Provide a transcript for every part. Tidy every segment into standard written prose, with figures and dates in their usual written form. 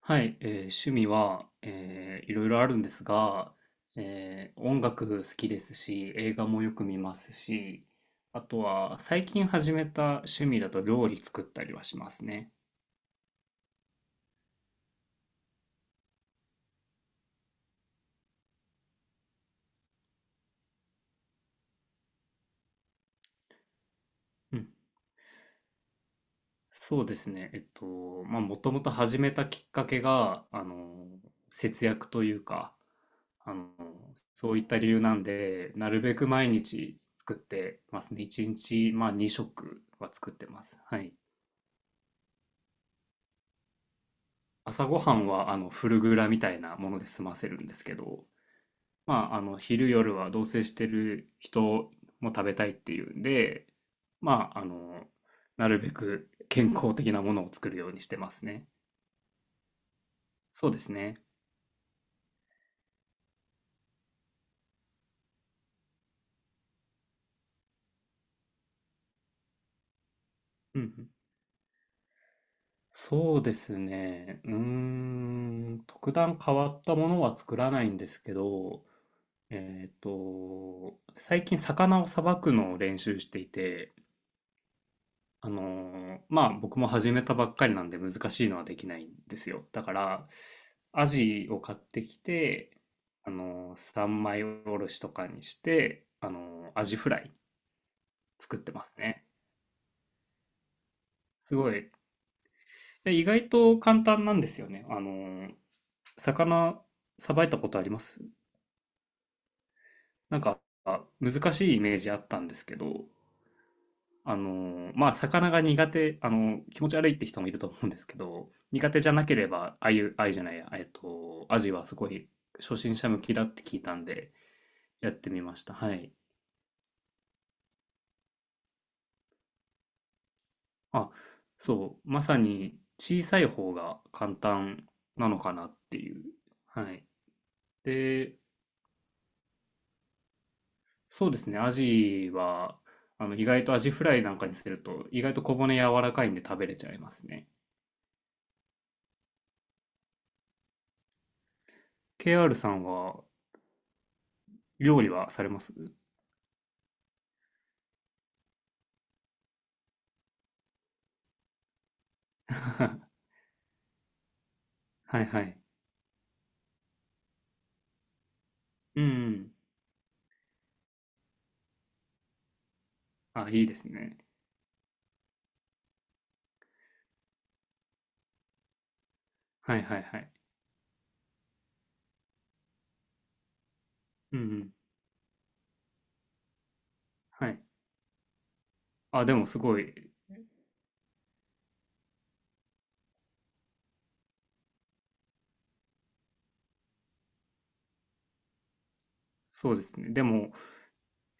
はい、趣味は、いろいろあるんですが、音楽好きですし、映画もよく見ますし、あとは最近始めた趣味だと料理作ったりはしますね。うん。そうですね。まあ、もともと始めたきっかけが、節約というか、あの、そういった理由なんで、なるべく毎日作ってますね。1日、まあ、2食は作ってます。はい。朝ごはんはフルグラみたいなもので済ませるんですけど、まあ、昼夜は同棲してる人も食べたいっていうんで、まあ、なるべく健康的なものを作るようにしてますね。そうですね。うんうん。そうですね。特段変わったものは作らないんですけど、最近魚をさばくのを練習していて、あのまあ僕も始めたばっかりなんで難しいのはできないんですよ。だから、アジを買ってきて、三枚おろしとかにして、アジフライ作ってますね。すごい。で意外と簡単なんですよね。ー魚さばいたことあります？なんか、難しいイメージあったんですけど、まあ、魚が苦手、気持ち悪いって人もいると思うんですけど、苦手じゃなければ、あゆ、あゆじゃないや、アジはすごい初心者向きだって聞いたんで、やってみました。はい。あ、そう、まさに小さい方が簡単なのかなっていう。はい。で、そうですね、アジは、意外とアジフライなんかにすると、意外と小骨柔らかいんで食べれちゃいますね。KR さんは、料理はされます？ はいはい。うん、あ、いいですね。はいはいはい。うんうん。はい。あ、でもすごい、そうですね。でも、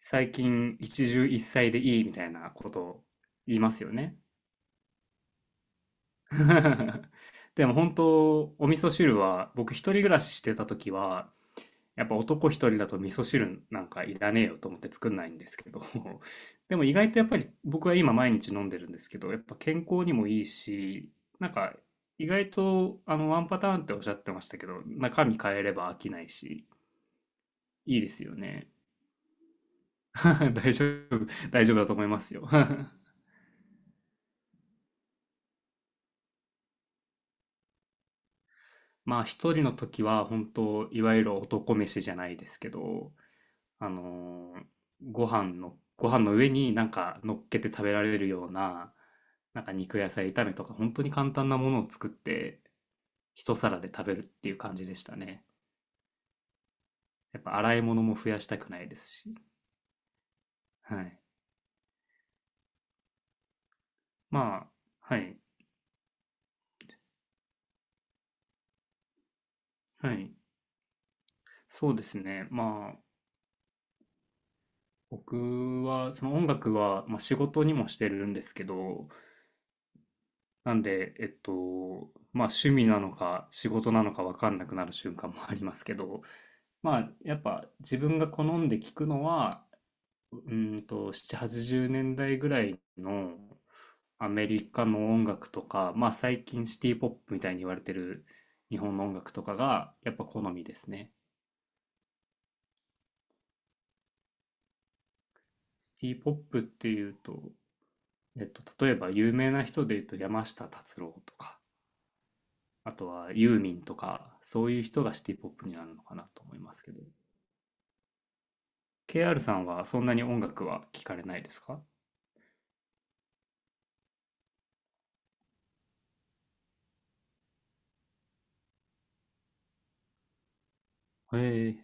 最近、一汁一菜でいいみたいなことを言いますよね。でも本当、お味噌汁は、僕一人暮らししてた時は、やっぱ男一人だと味噌汁なんかいらねえよと思って作んないんですけど、 でも意外とやっぱり僕は今毎日飲んでるんですけど、やっぱ健康にもいいし、なんか意外とワンパターンっておっしゃってましたけど、中身変えれば飽きないし、いいですよね。 大丈夫、大丈夫だと思いますよ。 まあ一人の時は本当いわゆる男飯じゃないですけど、あのーご飯の上になんか乗っけて食べられるような、なんか肉野菜炒めとか、本当に簡単なものを作って、一皿で食べるっていう感じでしたね。やっぱ洗い物も増やしたくないですし。はい。まあ、はい。はい。そうですね。まあ、僕は、その音楽は、まあ、仕事にもしてるんですけど、なんで、まあ趣味なのか仕事なのか分かんなくなる瞬間もありますけど、まあやっぱ自分が好んで聞くのは、7、80年代ぐらいのアメリカの音楽とか、まあ最近シティポップみたいに言われてる日本の音楽とかがやっぱ好みですね。シティポップっていうと、例えば有名な人で言うと山下達郎とか、あとはユーミンとか、そういう人がシティポップになるのかなと思いますけど。KR さんはそんなに音楽は聞かれないですか？ええ、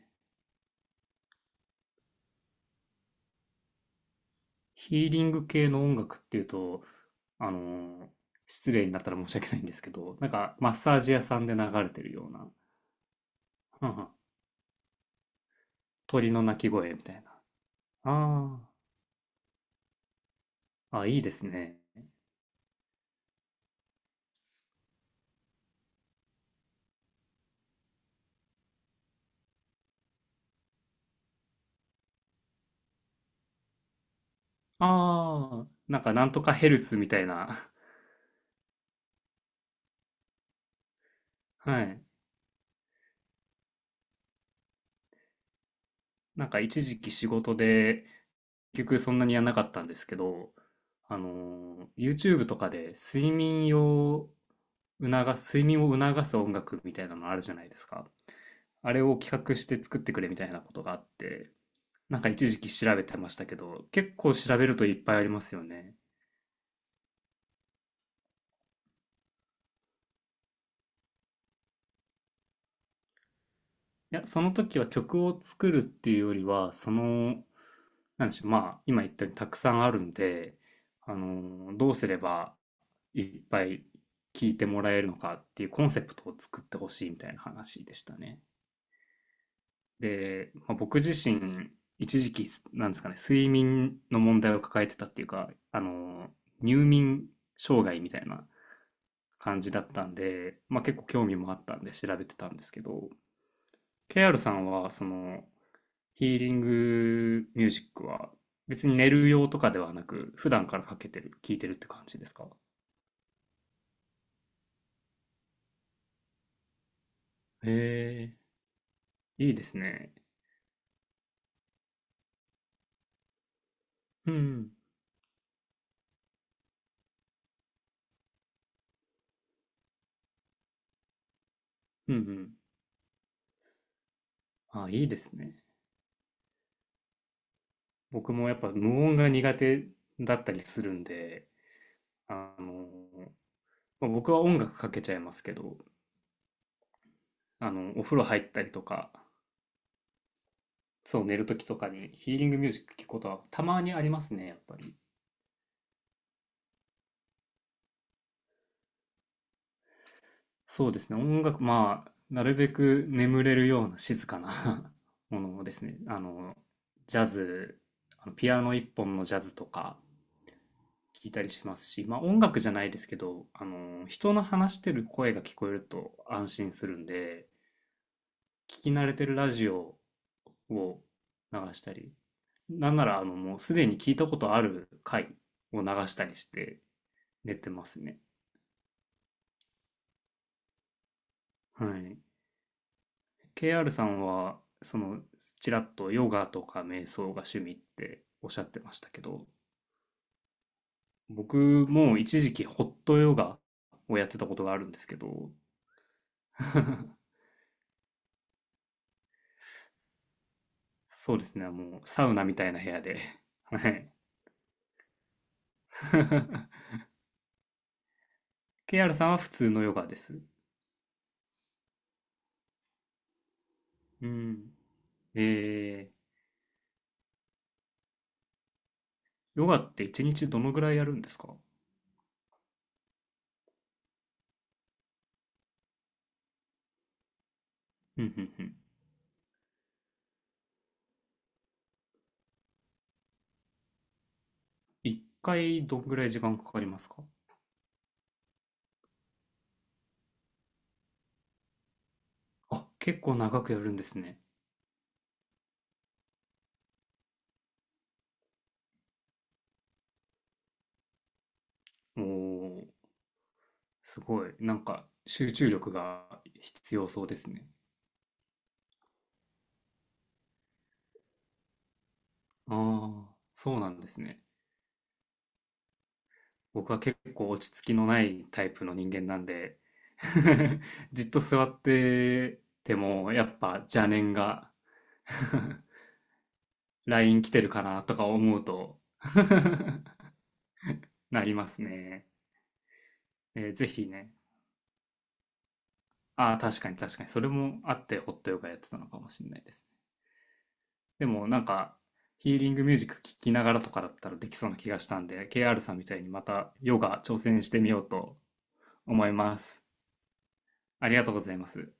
ヒーリング系の音楽っていうと、あのー失礼になったら申し訳ないんですけど、なんかマッサージ屋さんで流れてるような、はんはん鳥の鳴き声みたいな。ああ、あ、いいですね。ああ、なんかなんとかヘルツみたいな。はい。なんか一時期仕事で、結局そんなにやんなかったんですけど、YouTube とかで睡眠を促す音楽みたいなのあるじゃないですか。あれを企画して作ってくれみたいなことがあって、なんか一時期調べてましたけど、結構調べるといっぱいありますよね。いや、その時は曲を作るっていうよりは、なんでしょう、まあ、今言ったようにたくさんあるんで、どうすればいっぱい聴いてもらえるのかっていうコンセプトを作ってほしいみたいな話でしたね。で、まあ、僕自身、一時期、なんですかね、睡眠の問題を抱えてたっていうか、入眠障害みたいな感じだったんで、まあ結構興味もあったんで調べてたんですけど、KR さんは、ヒーリングミュージックは、別に寝る用とかではなく、普段からかけてる、聞いてるって感じですか？へえ、いいですね。うん、うん、うん。あ、いいですね。僕もやっぱ無音が苦手だったりするんで、あまあ、僕は音楽かけちゃいますけど、お風呂入ったりとか、そう、寝るときとかにヒーリングミュージック聞くことはたまにありますね、やっぱり。そうですね、音楽、まあ、なるべく眠れるような静かな ものをですね、ジャズ、ピアノ一本のジャズとか聞いたりしますし、まあ音楽じゃないですけど、人の話してる声が聞こえると安心するんで、聞き慣れてるラジオを流したり、なんなら、もうすでに聞いたことある回を流したりして寝てますね。はい。KR さんは、ちらっとヨガとか瞑想が趣味っておっしゃってましたけど、僕も一時期ホットヨガをやってたことがあるんですけど、そうですね、もうサウナみたいな部屋で。はい。KR さんは普通のヨガです？うん。えヨガって一日どのぐらいやるんですか？うんうん 一回どんぐらい時間かかりますか？あ、結構長くやるんですね。おー、すごい。なんか集中力が必要そうですね。ああ、そうなんですね。僕は結構落ち着きのないタイプの人間なんで、 じっと座っててもやっぱ邪念が、 LINE 来てるかなとか思うと、 なりますね。ぜひね。ああ、確かに確かに。それもあってホットヨガやってたのかもしれないですね。でもなんかヒーリングミュージック聴きながらとかだったらできそうな気がしたんで、KR さんみたいにまたヨガ挑戦してみようと思います。ありがとうございます。